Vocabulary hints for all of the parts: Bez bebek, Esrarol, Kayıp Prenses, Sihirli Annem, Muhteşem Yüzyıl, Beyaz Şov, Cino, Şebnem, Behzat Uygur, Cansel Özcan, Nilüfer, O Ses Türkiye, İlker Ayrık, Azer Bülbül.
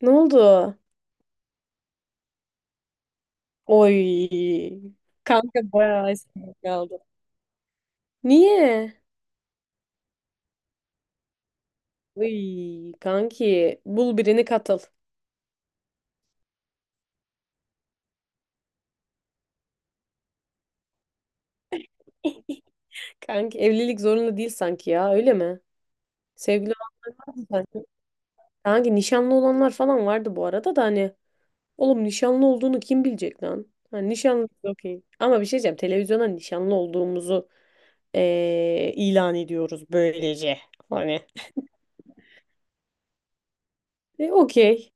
Ne oldu? Oy. Kanka bayağı eskide kaldı. Niye? Oy kanki bul birini katıl. Kanki evlilik zorunda değil sanki ya öyle mi? Sevgili olmaz mı sanki? Kanki nişanlı olanlar falan vardı bu arada da hani oğlum nişanlı olduğunu kim bilecek lan? Hani nişanlı okey. Ama bir şey diyeceğim televizyona nişanlı olduğumuzu ilan ediyoruz böylece. Hani. E, okey.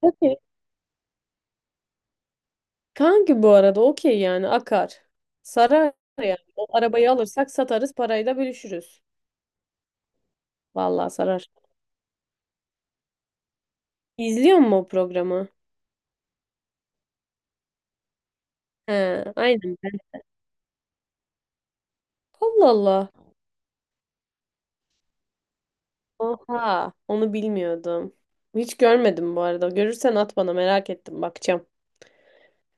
Okey. Kanki bu arada okey yani akar. Sarar yani. O arabayı alırsak satarız parayı da bölüşürüz. Vallahi sarar. İzliyor musun o programı? He, aynen ben. Allah Allah. Oha, onu bilmiyordum. Hiç görmedim bu arada. Görürsen at bana merak ettim bakacağım.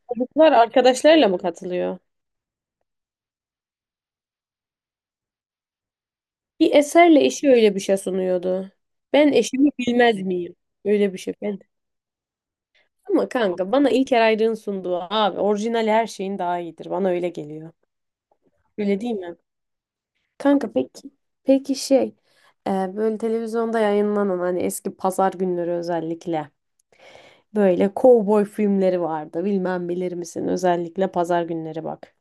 Çocuklar arkadaşlarıyla mı katılıyor? Bir eserle eşi öyle bir şey sunuyordu. Ben eşimi bilmez miyim? Öyle bir şey. Ben... Ama kanka bana İlker Ayrık'ın sunduğu abi orijinal her şeyin daha iyidir. Bana öyle geliyor. Öyle değil mi? Kanka peki peki şey böyle televizyonda yayınlanan hani eski pazar günleri özellikle böyle kovboy filmleri vardı. Bilmem bilir misin özellikle pazar günleri bak.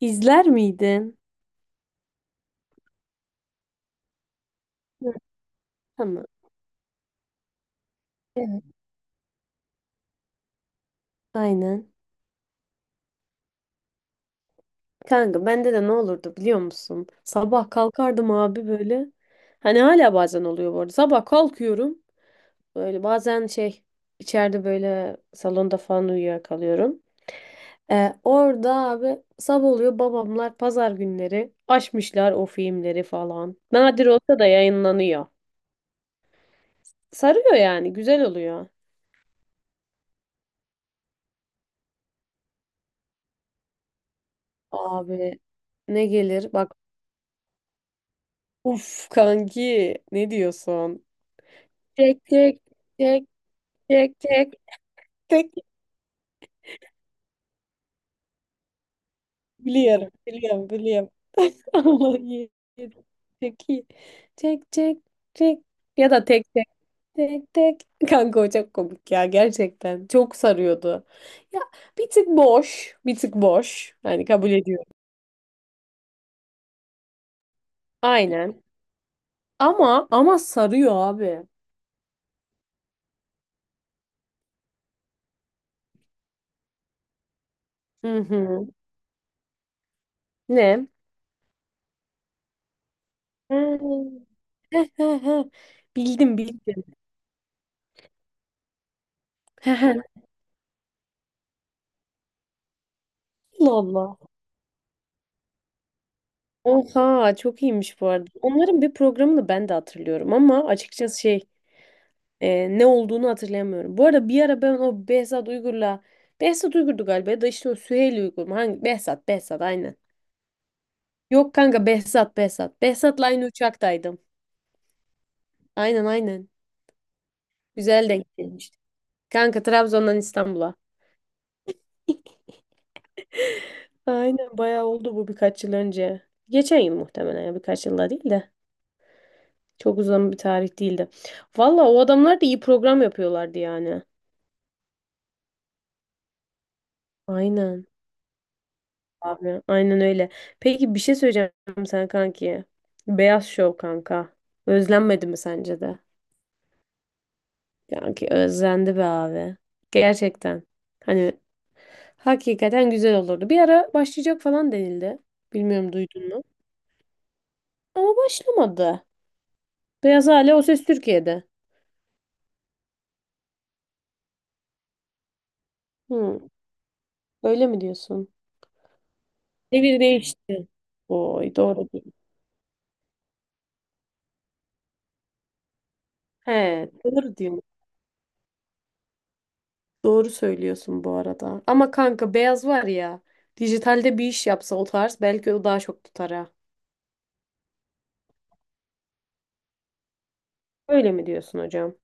İzler miydin? Hı, tamam. Evet. Aynen. Kanka bende de ne olurdu biliyor musun? Sabah kalkardım abi böyle. Hani hala bazen oluyor bu arada. Sabah kalkıyorum. Böyle bazen şey içeride böyle salonda falan uyuyakalıyorum. Orada abi sabah oluyor babamlar pazar günleri açmışlar o filmleri falan. Nadir olsa da yayınlanıyor. Sarıyor yani güzel oluyor. Abi ne gelir bak. Uf kanki ne diyorsun? Çek çek çek çek çek çek. Biliyorum biliyorum biliyorum. Ama iyi. İyi. Çek iyi. Çek çek. Çek. Ya da tek. Tek tek. Kanka o çok komik ya gerçekten. Çok sarıyordu. Ya bir tık boş. Bir tık boş. Yani kabul ediyorum. Aynen. Ama sarıyor abi. Hı hı. Ne? Hı. Heh, heh, heh. Bildim bildim. Heh, heh. Allah Allah. Oha çok iyiymiş bu arada. Onların bir programını ben de hatırlıyorum ama açıkçası şey, ne olduğunu hatırlayamıyorum. Bu arada bir ara ben o Behzat Uygur'du galiba ya da işte o Süheyl Uygur mu? Hangi? Behzat aynen. Yok kanka Behzat. Behzat'la aynı uçaktaydım. Aynen aynen. Güzel denk gelmişti. Kanka Trabzon'dan İstanbul'a. Aynen bayağı oldu bu birkaç yıl önce. Geçen yıl muhtemelen ya birkaç yılda değil de. Çok uzun bir tarih değildi. Valla o adamlar da iyi program yapıyorlardı yani. Aynen abi aynen öyle. Peki bir şey söyleyeceğim sana kanki. Beyaz Şov kanka. Özlenmedi mi sence de? Kanki özlendi be abi. Gerçekten. Hani hakikaten güzel olurdu. Bir ara başlayacak falan denildi. Bilmiyorum duydun mu? Ama başlamadı. Beyaz Hale O Ses Türkiye'de. Hı, öyle mi diyorsun? Devir değişti. Oy doğru diyor. He, doğru diyor. Doğru söylüyorsun bu arada. Ama kanka Beyaz var ya. Dijitalde bir iş yapsa o tarz belki o daha çok tutar ha. Öyle mi diyorsun hocam?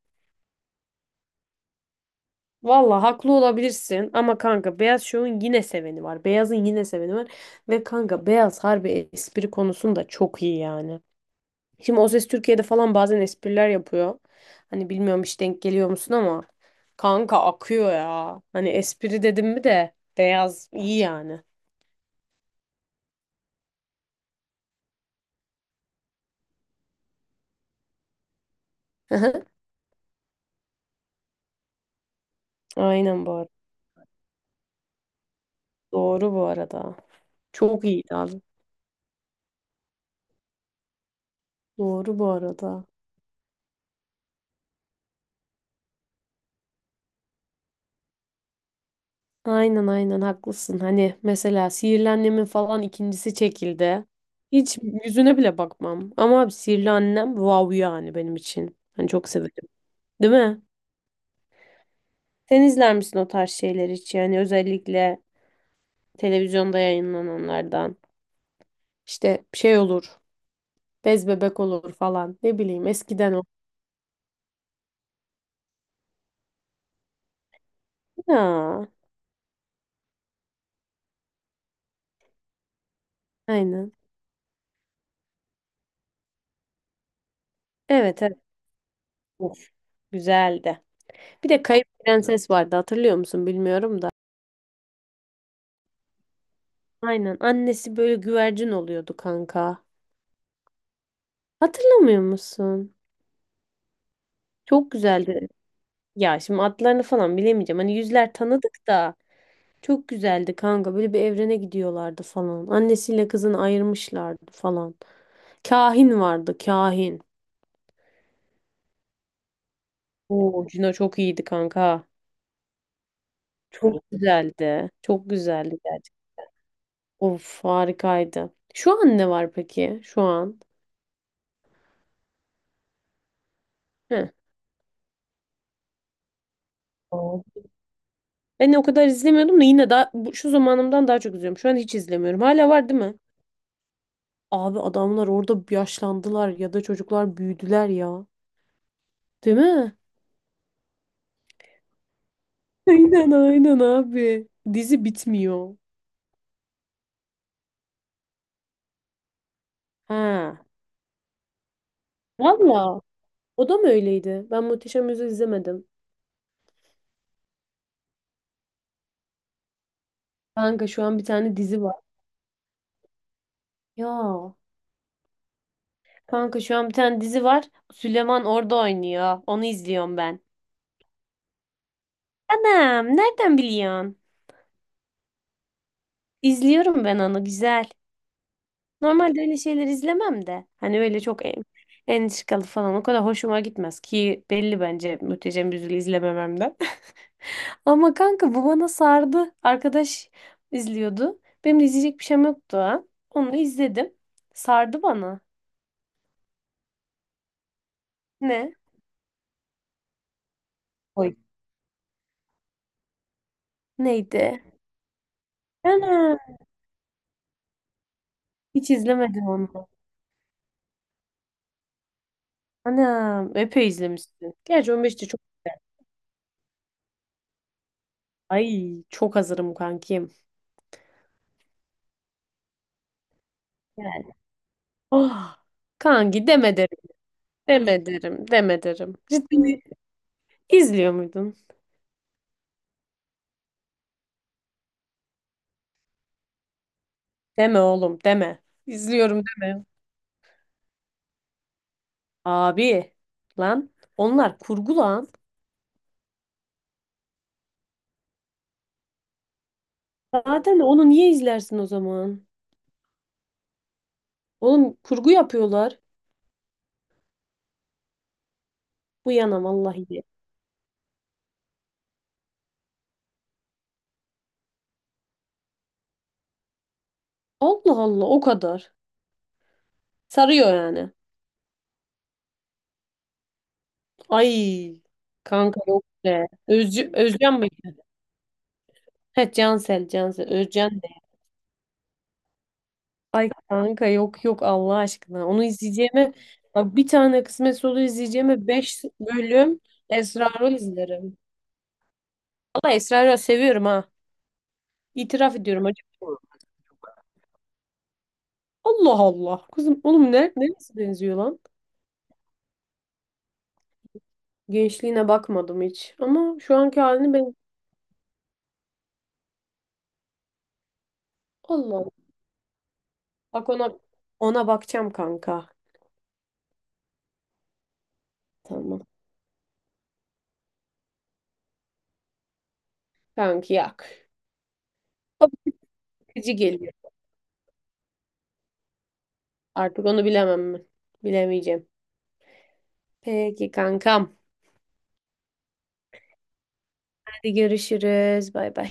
Valla haklı olabilirsin ama kanka beyaz şovun yine seveni var. Beyazın yine seveni var. Ve kanka beyaz harbi espri konusunda çok iyi yani. Şimdi O Ses Türkiye'de falan bazen espriler yapıyor. Hani bilmiyorum hiç denk geliyor musun ama kanka akıyor ya. Hani espri dedim mi de beyaz iyi yani. Aynen bu arada. Doğru bu arada. Çok iyiydi abi. Doğru bu arada. Aynen aynen haklısın. Hani mesela Sihirli Annem'in falan ikincisi çekildi. Hiç yüzüne bile bakmam. Ama abi Sihirli Annem wow yani benim için. Hani çok severim. Değil mi? Sen izler misin o tarz şeyler hiç? Yani özellikle televizyonda yayınlananlardan. İşte şey olur. Bez bebek olur falan. Ne bileyim eskiden o. Ya, aynen. Evet evet. Of, güzeldi. Bir de Kayıp Prenses vardı hatırlıyor musun bilmiyorum da. Aynen annesi böyle güvercin oluyordu kanka. Hatırlamıyor musun? Çok güzeldi. Ya şimdi adlarını falan bilemeyeceğim. Hani yüzler tanıdık da çok güzeldi kanka. Böyle bir evrene gidiyorlardı falan. Annesiyle kızını ayırmışlardı falan. Kahin vardı, kahin. Oo, Cino çok iyiydi kanka. Çok güzeldi. Çok güzeldi gerçekten. Of harikaydı. Şu an ne var peki? Şu an. Heh. Oo. Ben o kadar izlemiyordum da yine daha, bu- şu zamanımdan daha çok izliyorum. Şu an hiç izlemiyorum. Hala var değil mi? Abi adamlar orada yaşlandılar ya da çocuklar büyüdüler ya. Değil mi? Aynen aynen abi. Dizi bitmiyor. Ha. Valla. O da mı öyleydi? Ben Muhteşem Yüzyıl izlemedim. Kanka şu an bir tane dizi var. Ya. Kanka şu an bir tane dizi var. Süleyman orada oynuyor. Onu izliyorum ben. Anam nereden biliyorsun? İzliyorum ben onu güzel. Normalde öyle şeyler izlemem de. Hani öyle çok en, entrikalı falan o kadar hoşuma gitmez ki belli bence Muhteşem Yüzyıl'ı izlemememden. Ama kanka bu bana sardı. Arkadaş izliyordu. Benim de izleyecek bir şeyim yoktu ha. Onu izledim. Sardı bana. Ne? Oy. Neydi? Ana, hiç izlemedim onu. Ana, epey izlemişsin. Gerçi 15'te çok güzel. Ay çok hazırım kankim. Yani. Oh, kanki deme derim. Deme derim. Deme derim. Ciddi. İzliyor muydun? Deme oğlum deme. İzliyorum deme. Abi lan onlar kurgu lan. Zaten onu niye izlersin o zaman? Oğlum kurgu yapıyorlar. Bu yana vallahi. De. Allah Allah o kadar. Sarıyor yani. Ay kanka yok be. Özcü, Özcan mıydı? He Cansel Özcan de. Ay kanka yok yok Allah aşkına. Onu izleyeceğime bak bir tane kısmet solu izleyeceğime. 5 bölüm Esrarol izlerim. Valla Esra seviyorum ha. İtiraf ediyorum açık. Allah Allah. Kızım oğlum ne? Neresi benziyor lan? Gençliğine bakmadım hiç. Ama şu anki halini ben... Allah Allah. Bak ona, ona bakacağım kanka. Tamam. Kanki yak. O bakıcı geliyor. Artık onu bilemem mi? Bilemeyeceğim. Peki kankam. Hadi görüşürüz. Bay bay.